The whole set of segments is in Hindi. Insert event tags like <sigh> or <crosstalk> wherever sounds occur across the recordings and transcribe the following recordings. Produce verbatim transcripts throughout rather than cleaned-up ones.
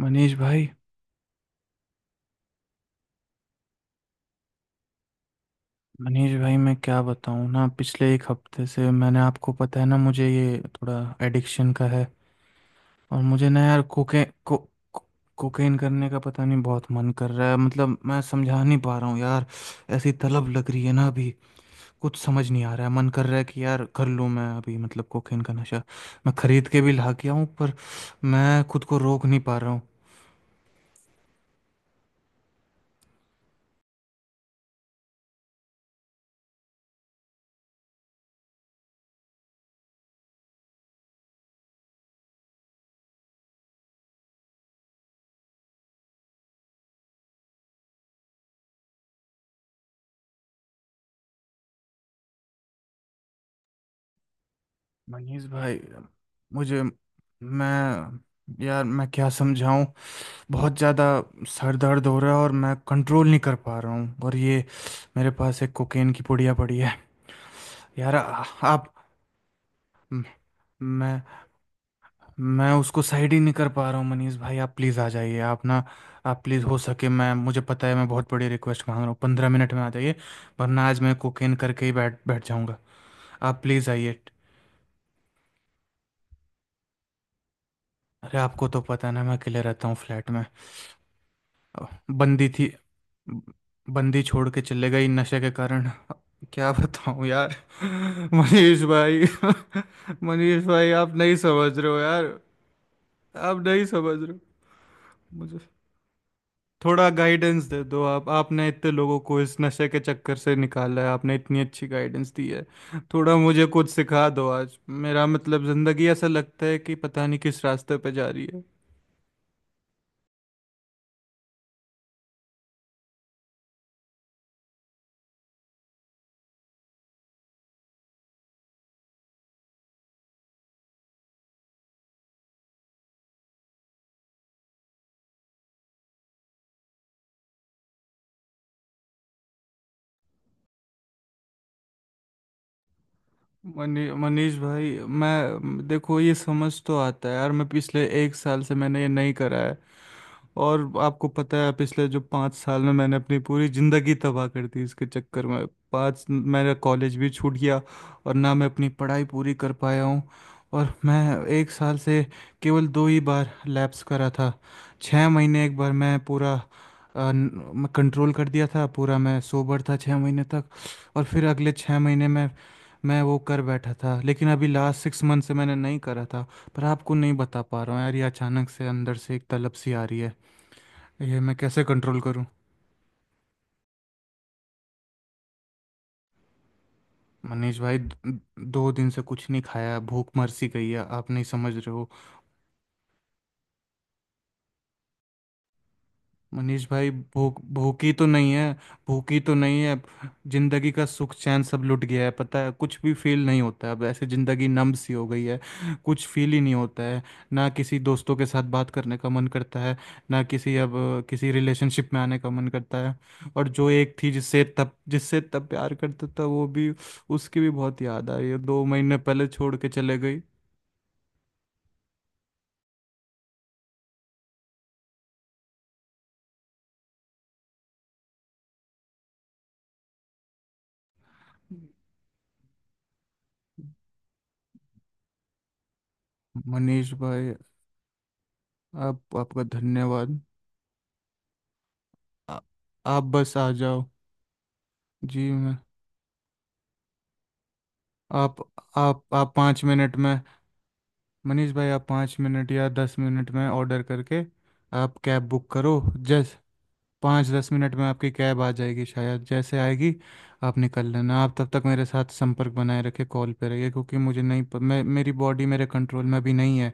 मनीष भाई। मनीष भाई मैं क्या बताऊँ ना, पिछले एक हफ्ते से मैंने आपको पता है ना, मुझे ये थोड़ा एडिक्शन का है। और मुझे ना यार कोके को कोकेन करने का पता नहीं बहुत मन कर रहा है। मतलब मैं समझा नहीं पा रहा हूँ यार। ऐसी तलब लग रही है ना अभी, कुछ समझ नहीं आ रहा है। मन कर रहा है कि यार कर लूँ मैं अभी, मतलब कोकेन का नशा। मैं खरीद के भी ला के आऊँ, पर मैं खुद को रोक नहीं पा रहा हूँ। मनीष भाई, मुझे मैं यार, मैं क्या समझाऊं। बहुत ज़्यादा सर दर्द हो रहा है और मैं कंट्रोल नहीं कर पा रहा हूँ, और ये मेरे पास एक कोकेन की पुड़िया पड़ी है। यार आ- आप म- मैं मैं उसको साइड ही नहीं कर पा रहा हूँ। मनीष भाई आप प्लीज़ आ जाइए। आप ना, आप प्लीज़, हो सके, मैं, मुझे पता है मैं बहुत बड़ी रिक्वेस्ट मांग रहा हूँ, पंद्रह मिनट में आ जाइए। वरना आज मैं कोकेन करके ही बैठ बैठ जाऊँगा। आप प्लीज़ आइए। अरे आपको तो पता है ना, मैं अकेले रहता हूँ फ्लैट में। अ, बंदी थी। ब- बंदी छोड़ के चले गई नशे के कारण। क्या बताऊं यार। <laughs> मनीष भाई <laughs> मनीष भाई आप नहीं समझ रहे हो यार। आप नहीं समझ रहे हो। मुझे थोड़ा गाइडेंस दे दो आप। आपने इतने लोगों को इस नशे के चक्कर से निकाला है। आपने इतनी अच्छी गाइडेंस दी है। थोड़ा मुझे कुछ सिखा दो आज। मेरा मतलब ज़िंदगी ऐसा लगता है कि पता नहीं किस रास्ते पे जा रही है। मनी मनीष भाई, मैं, देखो ये समझ तो आता है यार। मैं पिछले एक साल से मैंने ये नहीं करा है। और आपको पता है पिछले जो पाँच साल में मैंने अपनी पूरी ज़िंदगी तबाह कर दी इसके चक्कर में। पाँच, मेरा कॉलेज भी छूट गया, और ना मैं अपनी पढ़ाई पूरी कर पाया हूँ। और मैं एक साल से केवल दो ही बार लैप्स करा था। छः महीने एक बार मैं पूरा अ, न- मैं कंट्रोल कर दिया था पूरा। मैं सोबर था छः महीने तक, और फिर अगले छः महीने में मैं वो कर बैठा था। लेकिन अभी लास्ट सिक्स मंथ से मैंने नहीं करा था। पर आपको नहीं बता पा रहा हूँ यार, ये अचानक से अंदर से एक तलब सी आ रही है। ये मैं कैसे कंट्रोल करूं। मनीष भाई, द- दो दिन से कुछ नहीं खाया, भूख मर सी गई है। आप नहीं समझ रहे हो। मनीष भाई, भूख भूखी तो नहीं है। भूखी तो नहीं है। जिंदगी का सुख चैन सब लुट गया है, पता है। कुछ भी फील नहीं होता है अब। ऐसे जिंदगी नम सी हो गई है, कुछ फील ही नहीं होता है। ना किसी दोस्तों के साथ बात करने का मन करता है, ना किसी अब किसी रिलेशनशिप में आने का मन करता है। और जो एक थी जिससे तब जिससे इतना प्यार करता था, वो भी, उसकी भी बहुत याद आ रही है। दो महीने पहले छोड़ के चले गई। मनीष भाई, आप, आपका धन्यवाद। आ, आप बस आ जाओ। जी मैं, आप आप आप पाँच मिनट में, मनीष भाई आप पाँच मिनट या दस मिनट में ऑर्डर करके आप कैब बुक करो। जैस पाँच दस मिनट में आपकी कैब आ जाएगी शायद, जैसे आएगी आप निकल लेना। आप तब तक मेरे साथ संपर्क बनाए रखे, कॉल पे रहिए, क्योंकि मुझे नहीं प- मैं मेरी बॉडी मेरे कंट्रोल में भी नहीं है।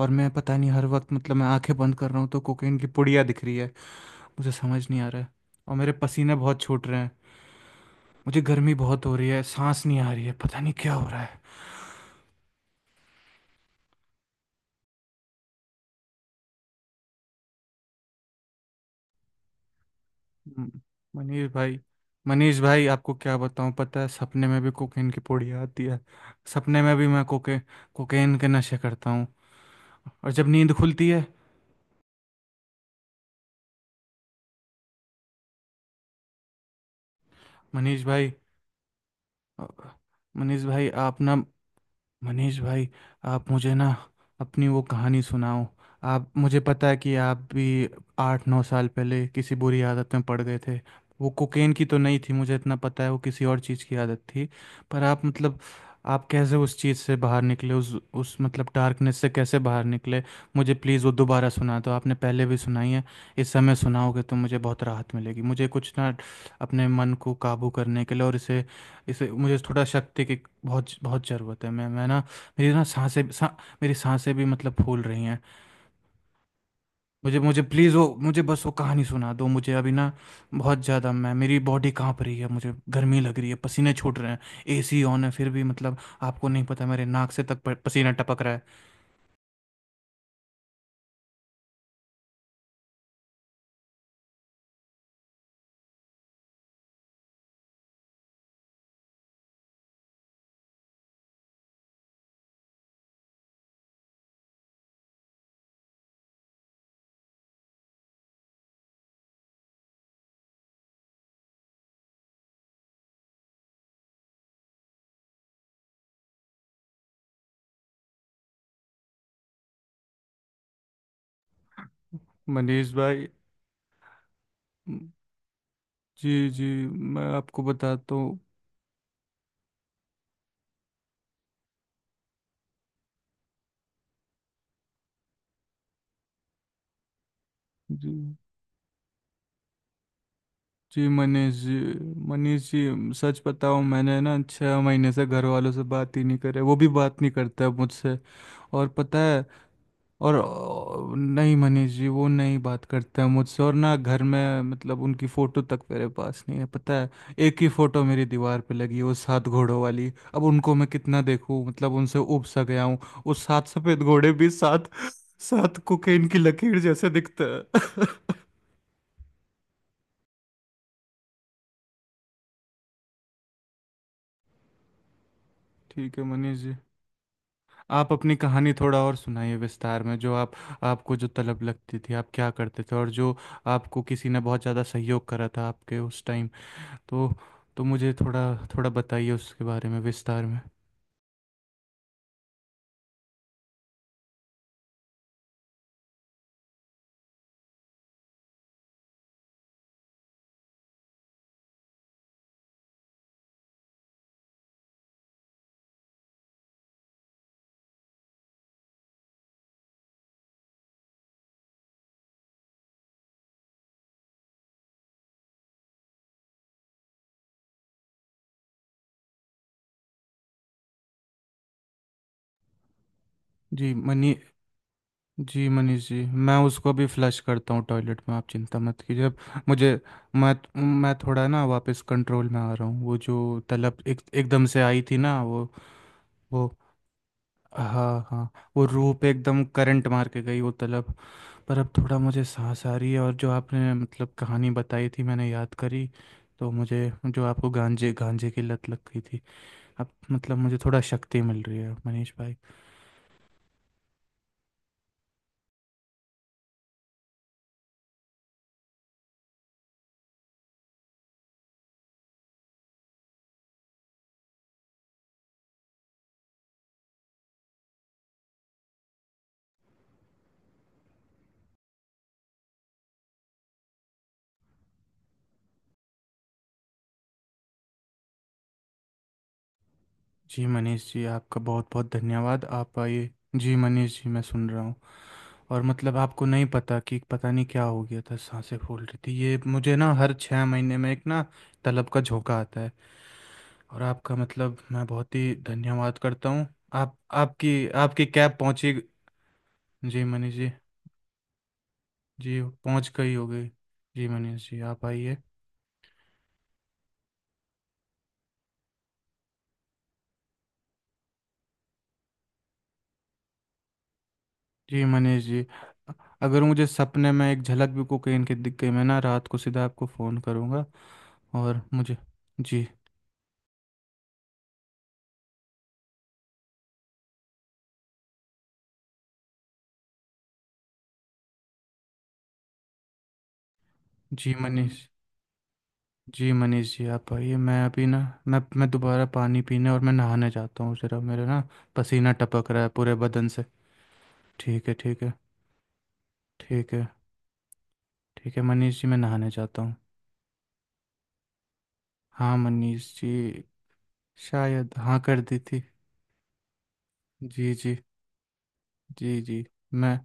और मैं पता नहीं, हर वक्त, मतलब मैं आंखें बंद कर रहा हूँ तो कोकीन की पुड़िया दिख रही है। मुझे समझ नहीं आ रहा है। और मेरे पसीने बहुत छूट रहे हैं। मुझे गर्मी बहुत हो रही है, सांस नहीं आ रही है, पता नहीं क्या हो रहा है। हम्म। मनीष भाई, मनीष भाई आपको क्या बताऊं, पता है सपने में भी कोकेन की पोड़ी आती है। सपने में भी मैं कोके कोकेन के नशे करता हूँ, और जब नींद खुलती है। मनीष भाई, अ, मनीष भाई आप ना, मनीष भाई आप मुझे ना अपनी वो कहानी सुनाओ। आप, मुझे पता है कि आप भी आठ नौ साल पहले किसी बुरी आदत में पड़ गए थे। वो कोकेन की तो नहीं थी, मुझे इतना पता है, वो किसी और चीज़ की आदत थी। पर आप मतलब आप कैसे उस चीज़ से बाहर निकले, उस उस मतलब डार्कनेस से कैसे बाहर निकले। मुझे प्लीज़ वो दोबारा सुना दो, आपने पहले भी सुनाई है। इस समय सुनाओगे तो मुझे बहुत राहत मिलेगी। मुझे कुछ ना अपने मन को काबू करने के लिए, और इसे, इसे, मुझे थोड़ा शक्ति की बहुत बहुत ज़रूरत है। मैं मैं ना, मेरी ना सांसें सा, मेरी सांसें भी मतलब फूल रही हैं। मुझे मुझे प्लीज़ वो, मुझे बस वो कहानी सुना दो मुझे अभी ना। बहुत ज़्यादा, मैं, मेरी बॉडी कांप रही है, मुझे गर्मी लग रही है, पसीने छूट रहे हैं। एसी ऑन है फिर भी, मतलब आपको नहीं पता, मेरे नाक से तक प- पसीना टपक रहा है। मनीष भाई। जी जी, मैं आपको बताता हूँ। जी जी मनीष जी, मनीष जी सच बताऊं, मैंने ना छह महीने से घर वालों से बात ही नहीं करे। वो भी बात नहीं करता है मुझसे। और पता है, और अ, नहीं मनीष जी वो नहीं बात करते हैं मुझसे, और ना घर में मतलब उनकी फ़ोटो तक मेरे पास नहीं है, पता है। एक ही फ़ोटो मेरी दीवार पे लगी है, वो सात घोड़ों वाली। अब उनको मैं कितना देखूं, मतलब उनसे ऊब सा गया हूँ। वो सात सफ़ेद घोड़े भी सात सात कोकेन की लकीर जैसे दिखते हैं। <laughs> ठीक है मनीष जी। आप अपनी कहानी थोड़ा और सुनाइए विस्तार में। जो आप, आपको जो तलब लगती थी आप क्या करते थे, और जो आपको किसी ने बहुत ज़्यादा सहयोग करा था आपके उस टाइम। तो तो मुझे थोड़ा, थोड़ा बताइए उसके बारे में विस्तार में। जी मनी जी मनीष जी, मैं उसको अभी फ्लश करता हूँ टॉयलेट में, आप चिंता मत कीजिए अब। मुझे मैं मैं थोड़ा ना वापस कंट्रोल में आ रहा हूँ। वो जो तलब एक एकदम से आई थी ना, वो वो हाँ हाँ वो रूप एकदम करंट मार के गई वो तलब। पर अब थोड़ा मुझे सांस आ रही है, और जो आपने मतलब कहानी बताई थी मैंने याद करी। तो मुझे जो आपको गांजे गांजे की लत लग गई थी, अब मतलब मुझे थोड़ा शक्ति मिल रही है मनीष भाई। जी मनीष जी आपका बहुत बहुत धन्यवाद, आप आइए। जी मनीष जी मैं सुन रहा हूँ। और मतलब आपको नहीं पता, कि पता नहीं क्या हो गया था, सांसें फूल रही थी। ये मुझे ना हर छः महीने में एक ना तलब का झोंका आता है। और आपका मतलब मैं बहुत ही धन्यवाद करता हूँ। आप, आपकी आपकी कैब पहुँची? जी मनीष जी, जी पहुंच गई होगी। जी मनीष जी आप आइए। जी मनीष जी, अ- अगर मुझे सपने में एक झलक भी कोकीन की दिख गई, मैं ना रात को सीधा आपको फ़ोन करूंगा। और मुझे, जी जी मनीष जी, मनीष जी आप आइए मैं अभी ना, मैं मैं दोबारा पानी पीने और मैं नहाने जाता हूँ ज़रा, मेरे ना पसीना टपक रहा है पूरे बदन से। ठीक है, ठीक है, ठीक है। ठीक है मनीष जी मैं नहाने जाता हूँ। हाँ मनीष जी। शायद हाँ कर दी थी। जी जी, जी जी। मैं,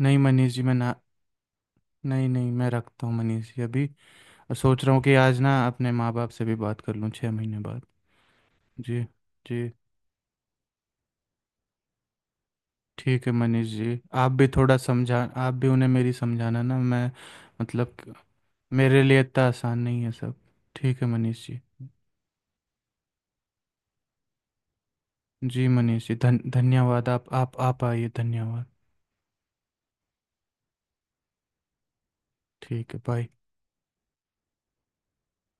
नहीं मनीष जी मैं ना, नहीं नहीं मैं रखता हूँ मनीष जी अभी। और सोच रहा हूँ कि आज ना अपने माँ बाप से भी बात कर लूँ, छः महीने बाद। जी। जी, ठीक है मनीष जी। आप भी थोड़ा समझा, आप भी उन्हें मेरी समझाना ना, मैं, मतलब मेरे लिए इतना आसान नहीं है सब। ठीक है मनीष जी। जी मनीष जी, धन धन्यवाद। आप आप आप आइए, धन्यवाद। ठीक है, बाय।